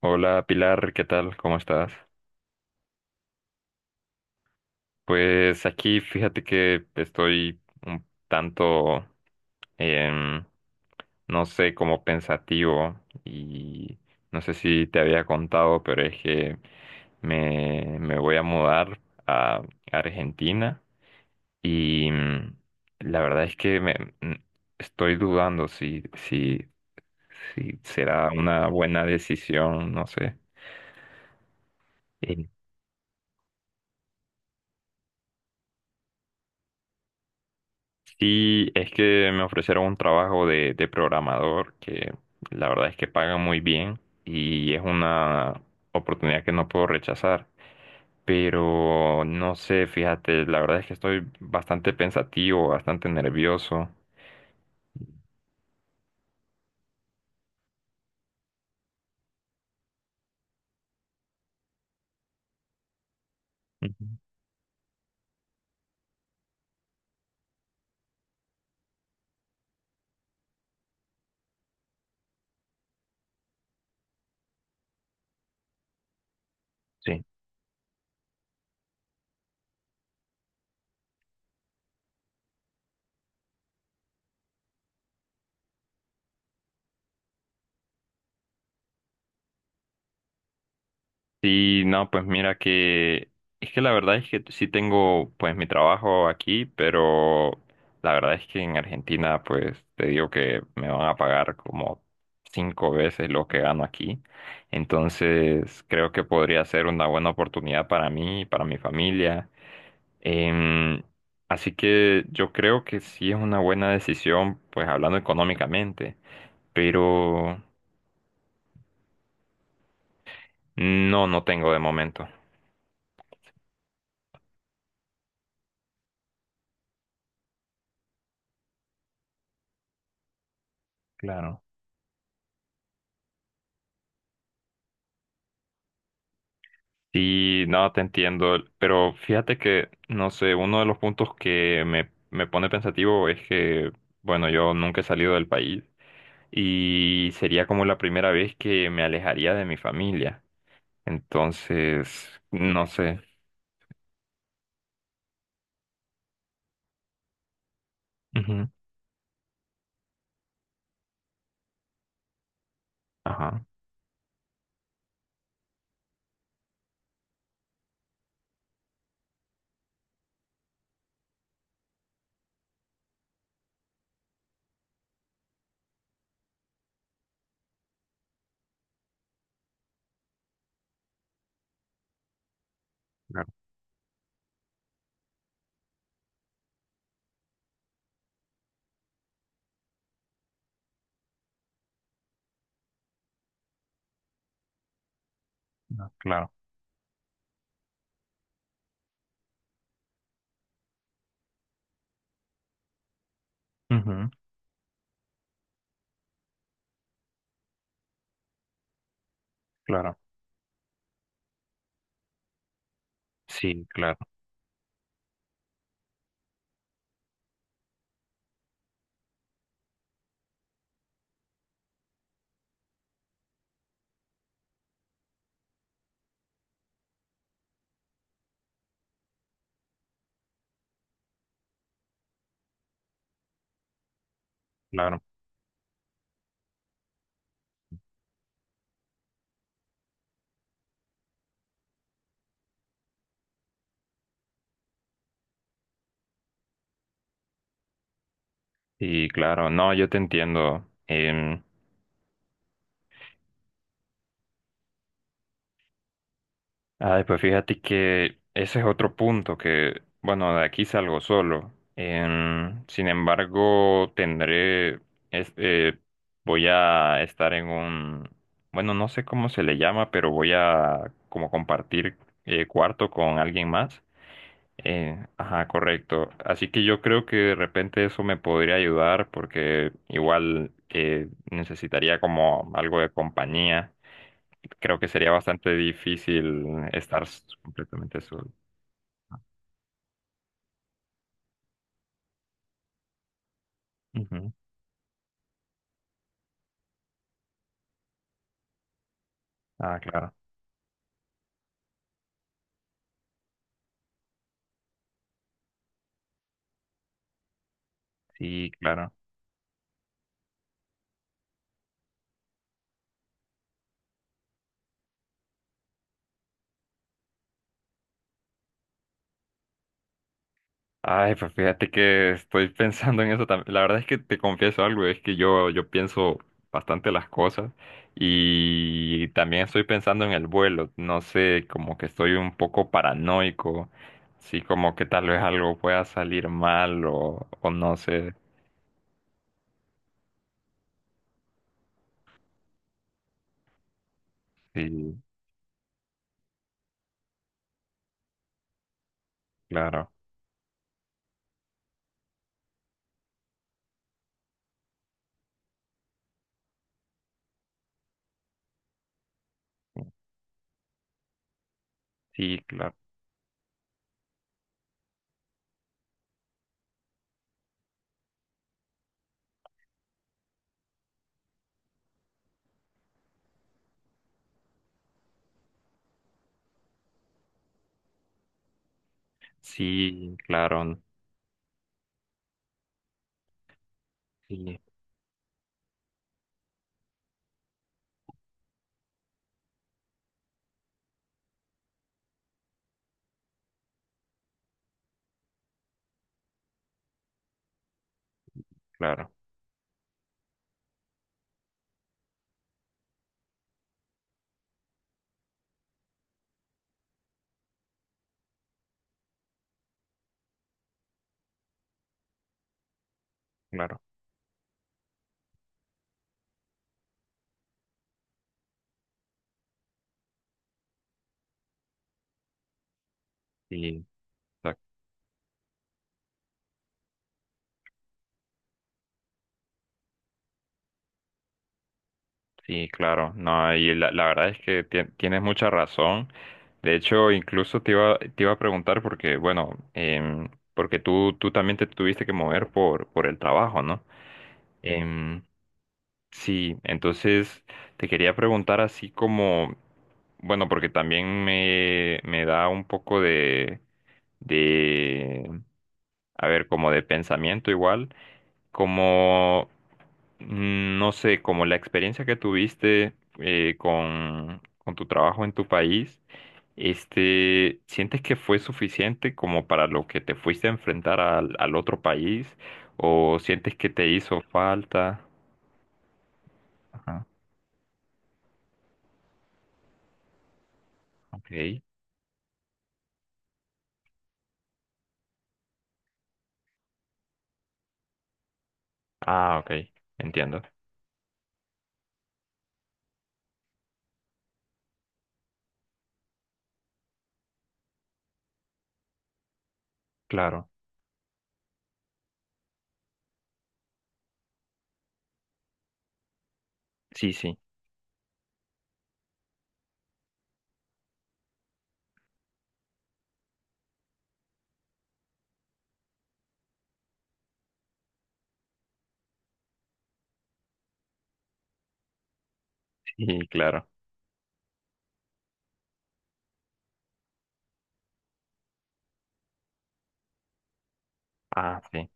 Hola Pilar, ¿qué tal? ¿Cómo estás? Pues aquí fíjate que estoy un tanto, em, no sé, como pensativo y no sé si te había contado, pero es que me voy a mudar a Argentina y la verdad es que mm, estoy dudando si será una buena decisión, no sé. Sí, es que me ofrecieron un trabajo de programador que la verdad es que paga muy bien y es una oportunidad que no puedo rechazar. Pero no sé, fíjate, la verdad es que estoy bastante pensativo, bastante nervioso. Ujú. Sí. Sí, no, pues mira que es que la verdad es que sí tengo pues mi trabajo aquí, pero la verdad es que en Argentina pues te digo que me van a pagar como 5 veces lo que gano aquí. Entonces creo que podría ser una buena oportunidad para mí, para mi familia. Em, Así que yo creo que sí es una buena decisión pues hablando económicamente, pero no, no tengo de momento. Claro. Sí, no, te entiendo, pero fíjate que, no sé, uno de los puntos que me pone pensativo es que, bueno, yo nunca he salido del país y sería como la primera vez que me alejaría de mi familia. Entonces, no sé. Ujú. Ajá. Claro. No, claro. Ujú. Claro. Sí, claro. Claro. Sí, claro, no, yo te entiendo. Ay, pues fíjate que ese es otro punto que, bueno, de aquí salgo solo. Sin embargo, tendré, es- eh, voy a estar en un, bueno, no sé cómo se le llama, pero voy a como compartir cuarto con alguien más. Ajá, correcto. Así que yo creo que de repente eso me podría ayudar porque igual necesitaría como algo de compañía. Creo que sería bastante difícil estar completamente solo. Ujú. Ah, claro. Sí, claro. Ay, pues fíjate que estoy pensando en eso también. La verdad es que te confieso algo, es que yo pienso bastante las cosas y también estoy pensando en el vuelo. No sé, como que estoy un poco paranoico, sí, como que tal vez algo pueda salir mal o no sé. Sí, claro. Sí, claro. Sí, claro. Sí, claro. Claro. Sí, sa- sí, claro. No, y la verdad es que tienes mucha razón. De hecho, incluso te iba a preguntar porque, bueno, porque tú también te tuviste que mover por el trabajo, ¿no? Em, sí, entonces te quería preguntar así como, bueno, porque también me da un poco de a ver, como de pensamiento igual, como, no sé, como la experiencia que tuviste con tu trabajo en tu país, este, ¿sientes que fue suficiente como para lo que te fuiste a enfrentar al, al otro país? ¿O sientes que te hizo falta? Ajá, ok. Ah, ok, entiendo. Claro. Sí, sí, sí, claro. Ah, sí.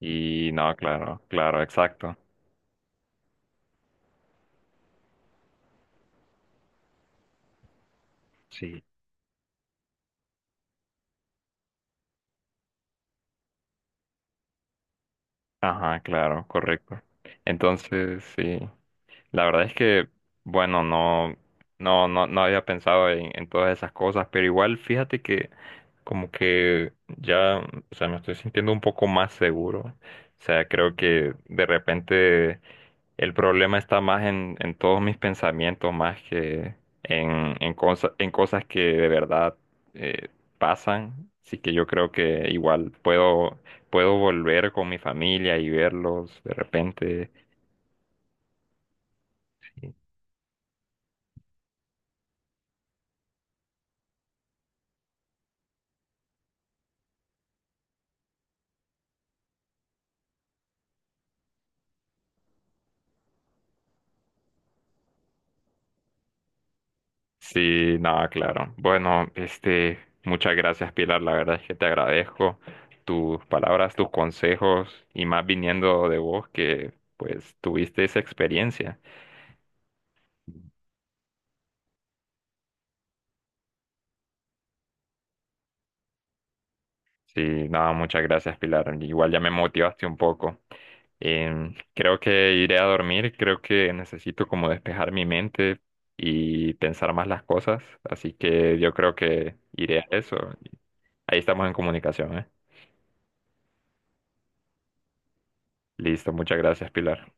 Y no, claro, claro, exacto. Sí. Ajá, claro, correcto. Entonces, sí. La verdad es que, bueno, no, no, no, no había pensado en todas esas cosas, pero igual fíjate que como que ya, o sea, me estoy sintiendo un poco más seguro. O sea, creo que de repente el problema está más en todos mis pensamientos, más que en, en cosas que de verdad eh, pasan. Así que yo creo que igual puedo, puedo volver con mi familia y verlos de repente. Sí, nada, claro. Bueno, este, muchas gracias, Pilar. La verdad es que te agradezco tus palabras, tus consejos y más viniendo de vos que pues tuviste esa experiencia. Sí, nada, muchas gracias, Pilar. Igual ya me motivaste un poco. Creo que iré a dormir, creo que necesito como despejar mi mente y pensar más las cosas, así que yo creo que iré a eso. Ahí estamos en comunicación, ¿eh? Listo, muchas gracias, Pilar.